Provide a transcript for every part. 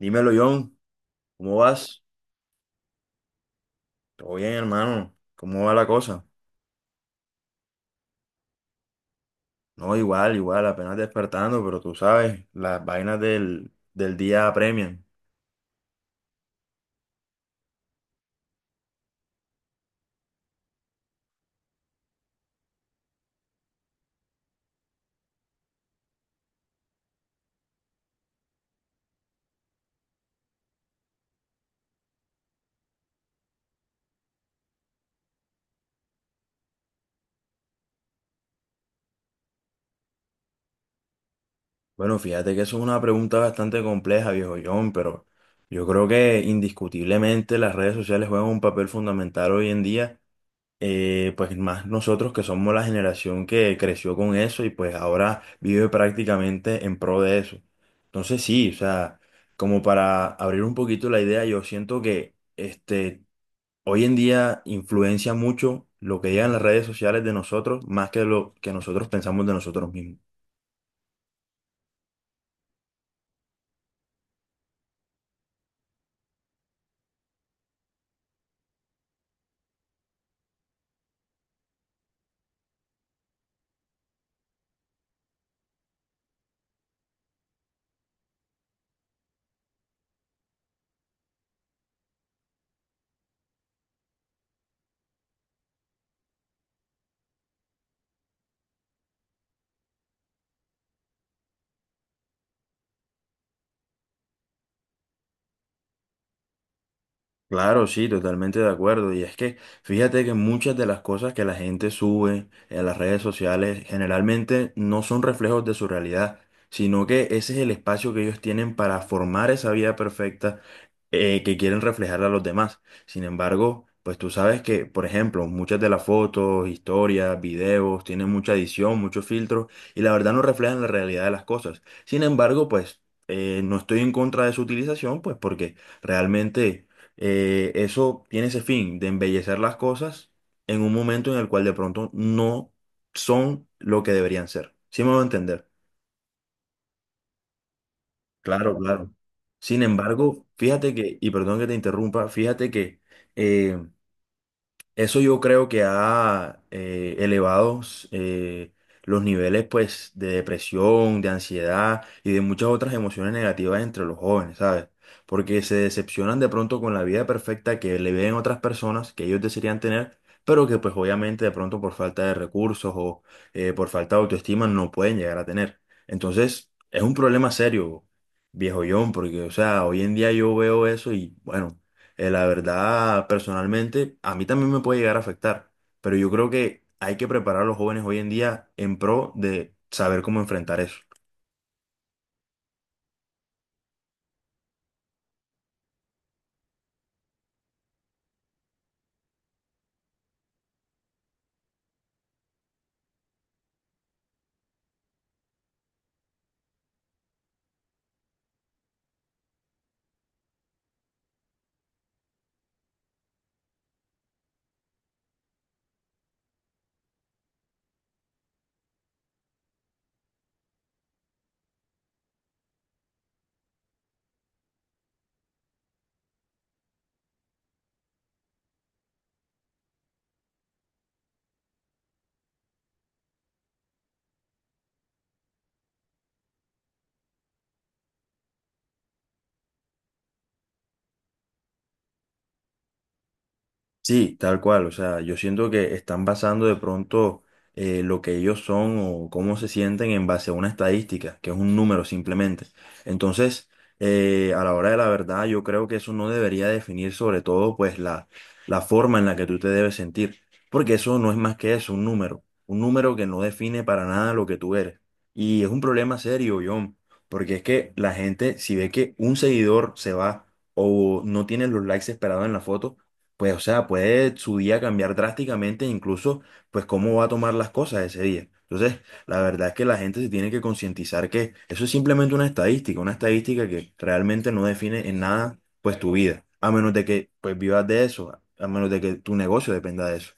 Dímelo, John, ¿cómo vas? Todo bien, hermano. ¿Cómo va la cosa? No, igual, igual, apenas despertando, pero tú sabes, las vainas del día apremian. Bueno, fíjate que eso es una pregunta bastante compleja, viejo John, pero yo creo que indiscutiblemente las redes sociales juegan un papel fundamental hoy en día, pues más nosotros que somos la generación que creció con eso y pues ahora vive prácticamente en pro de eso. Entonces sí, o sea, como para abrir un poquito la idea, yo siento que hoy en día influencia mucho lo que llega las redes sociales de nosotros más que lo que nosotros pensamos de nosotros mismos. Claro, sí, totalmente de acuerdo. Y es que fíjate que muchas de las cosas que la gente sube en las redes sociales generalmente no son reflejos de su realidad, sino que ese es el espacio que ellos tienen para formar esa vida perfecta que quieren reflejar a los demás. Sin embargo, pues tú sabes que, por ejemplo, muchas de las fotos, historias, videos tienen mucha edición, muchos filtros y la verdad no reflejan la realidad de las cosas. Sin embargo, pues no estoy en contra de su utilización, pues porque realmente eso tiene ese fin de embellecer las cosas en un momento en el cual de pronto no son lo que deberían ser. ¿Sí me voy a entender? Claro, claro. Sin embargo, fíjate que, y perdón que te interrumpa, fíjate que eh, eso yo creo que ha elevado eh, los niveles pues, de depresión, de ansiedad y de muchas otras emociones negativas entre los jóvenes, ¿sabes? Porque se decepcionan de pronto con la vida perfecta que le ven otras personas que ellos desearían tener, pero que pues obviamente de pronto por falta de recursos o por falta de autoestima no pueden llegar a tener. Entonces, es un problema serio, viejo John, porque o sea, hoy en día yo veo eso y bueno, la verdad, personalmente, a mí también me puede llegar a afectar, pero yo creo que hay que preparar a los jóvenes hoy en día en pro de saber cómo enfrentar eso. Sí, tal cual. O sea, yo siento que están basando de pronto lo que ellos son o cómo se sienten en base a una estadística, que es un número simplemente. Entonces, a la hora de la verdad, yo creo que eso no debería definir sobre todo pues la forma en la que tú te debes sentir, porque eso no es más que eso, un número que no define para nada lo que tú eres. Y es un problema serio, John, porque es que la gente, si ve que un seguidor se va o no tiene los likes esperados en la foto, pues, o sea, puede su día cambiar drásticamente, incluso, pues, cómo va a tomar las cosas ese día. Entonces, la verdad es que la gente se tiene que concientizar que eso es simplemente una estadística que realmente no define en nada, pues, tu vida, a menos de que, pues, vivas de eso, a menos de que tu negocio dependa de eso.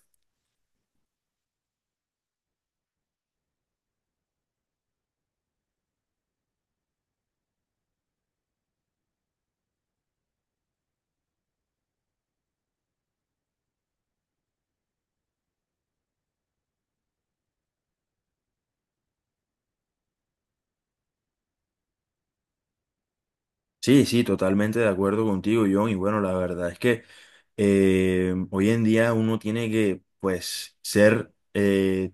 Sí, sí, totalmente de acuerdo contigo, John, y bueno, la verdad es que hoy en día uno tiene que, pues, ser,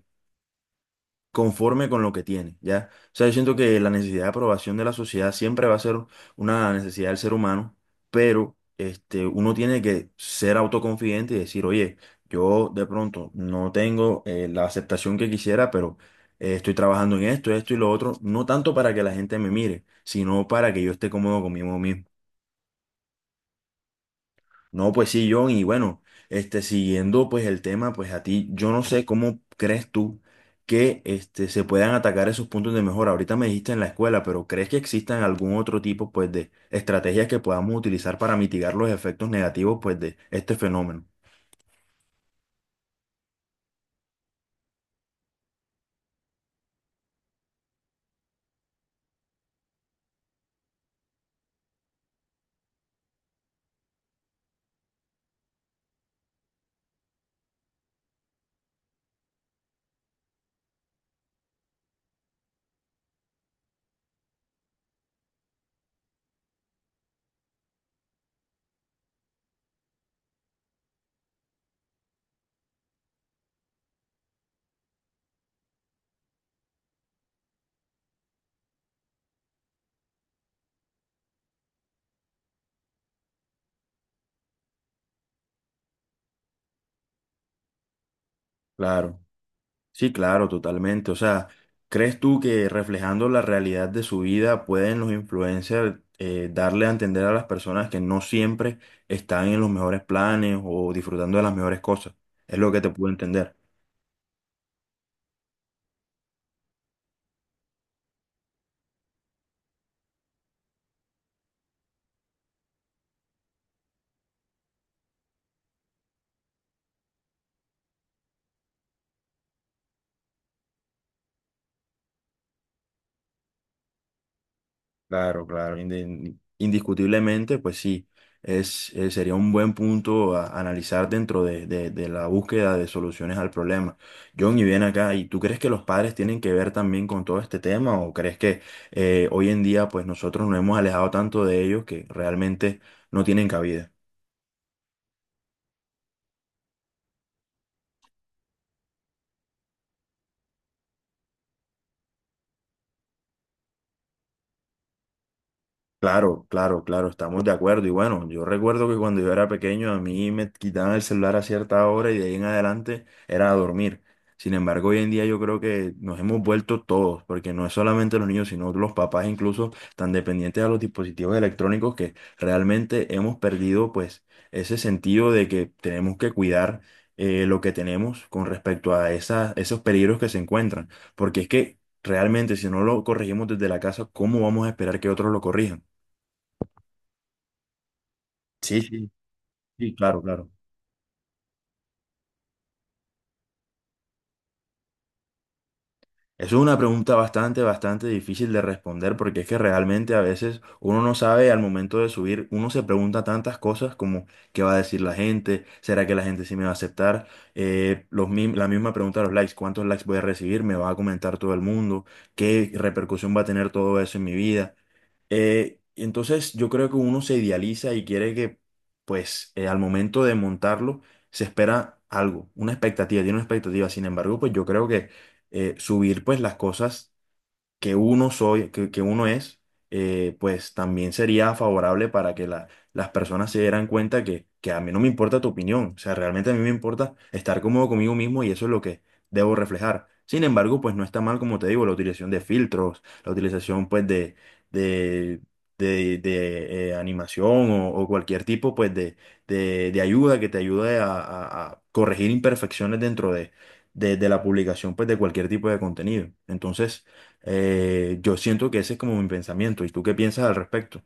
conforme con lo que tiene, ¿ya? O sea, yo siento que la necesidad de aprobación de la sociedad siempre va a ser una necesidad del ser humano, pero este, uno tiene que ser autoconfidente y decir, oye, yo de pronto no tengo la aceptación que quisiera, pero estoy trabajando en esto, esto y lo otro, no tanto para que la gente me mire, sino para que yo esté cómodo conmigo mismo. No, pues sí, John, y bueno, este, siguiendo pues el tema, pues a ti, yo no sé cómo crees tú que este, se puedan atacar esos puntos de mejora. Ahorita me dijiste en la escuela, pero ¿crees que existan algún otro tipo pues de estrategias que podamos utilizar para mitigar los efectos negativos pues de este fenómeno? Claro. Sí, claro, totalmente. O sea, ¿crees tú que reflejando la realidad de su vida pueden los influencers darle a entender a las personas que no siempre están en los mejores planes o disfrutando de las mejores cosas? Es lo que te puedo entender. Claro, claro, indiscutiblemente, pues sí, es, sería un buen punto a analizar dentro de, de la búsqueda de soluciones al problema. John, y bien acá, ¿y tú crees que los padres tienen que ver también con todo este tema o crees que hoy en día pues nosotros nos hemos alejado tanto de ellos que realmente no tienen cabida? Claro, claro, claro, estamos de acuerdo. Y bueno, yo recuerdo que cuando yo era pequeño a mí me quitaban el celular a cierta hora y de ahí en adelante era a dormir. Sin embargo, hoy en día yo creo que nos hemos vuelto todos, porque no es solamente los niños, sino los papás incluso tan dependientes a los dispositivos electrónicos que realmente hemos perdido pues ese sentido de que tenemos que cuidar lo que tenemos con respecto a esas, esos peligros que se encuentran. Porque es que realmente si no lo corregimos desde la casa, ¿cómo vamos a esperar que otros lo corrijan? Sí, sí, sí, claro, claro. Eso es una pregunta bastante, bastante difícil de responder porque es que realmente a veces uno no sabe al momento de subir, uno se pregunta tantas cosas como qué va a decir la gente, será que la gente sí me va a aceptar. Los, la misma pregunta de los likes, cuántos likes voy a recibir, me va a comentar todo el mundo, qué repercusión va a tener todo eso en mi vida. Entonces yo creo que uno se idealiza y quiere que, pues, al momento de montarlo, se espera algo, una expectativa, tiene una expectativa. Sin embargo, pues yo creo que subir, pues, las cosas que uno soy, que uno es, pues también sería favorable para que las personas se dieran cuenta que a mí no me importa tu opinión, o sea, realmente a mí me importa estar cómodo conmigo mismo y eso es lo que debo reflejar. Sin embargo, pues no está mal, como te digo, la utilización de filtros, la utilización pues de, de animación o cualquier tipo pues de ayuda que te ayude a, a corregir imperfecciones dentro de la publicación pues de cualquier tipo de contenido. Entonces, yo siento que ese es como mi pensamiento. ¿Y tú qué piensas al respecto?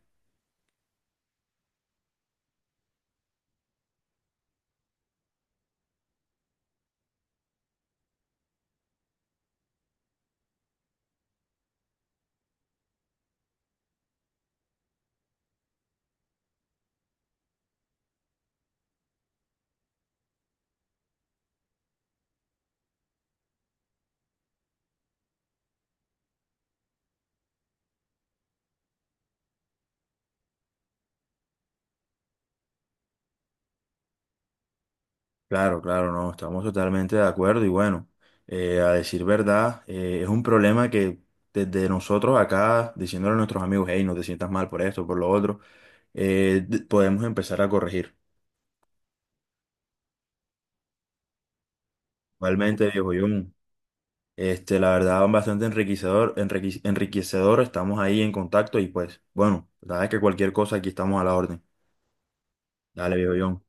Claro, claro, no, estamos totalmente de acuerdo y bueno, a decir verdad, es un problema que desde nosotros acá, diciéndole a nuestros amigos, hey, no te sientas mal por esto, por lo otro, podemos empezar a corregir. Igualmente, viejo Jun, este, la verdad, bastante enriquecedor, enriquecedor, estamos ahí en contacto y pues, bueno, la verdad es que cualquier cosa aquí estamos a la orden. Dale, viejo Jun.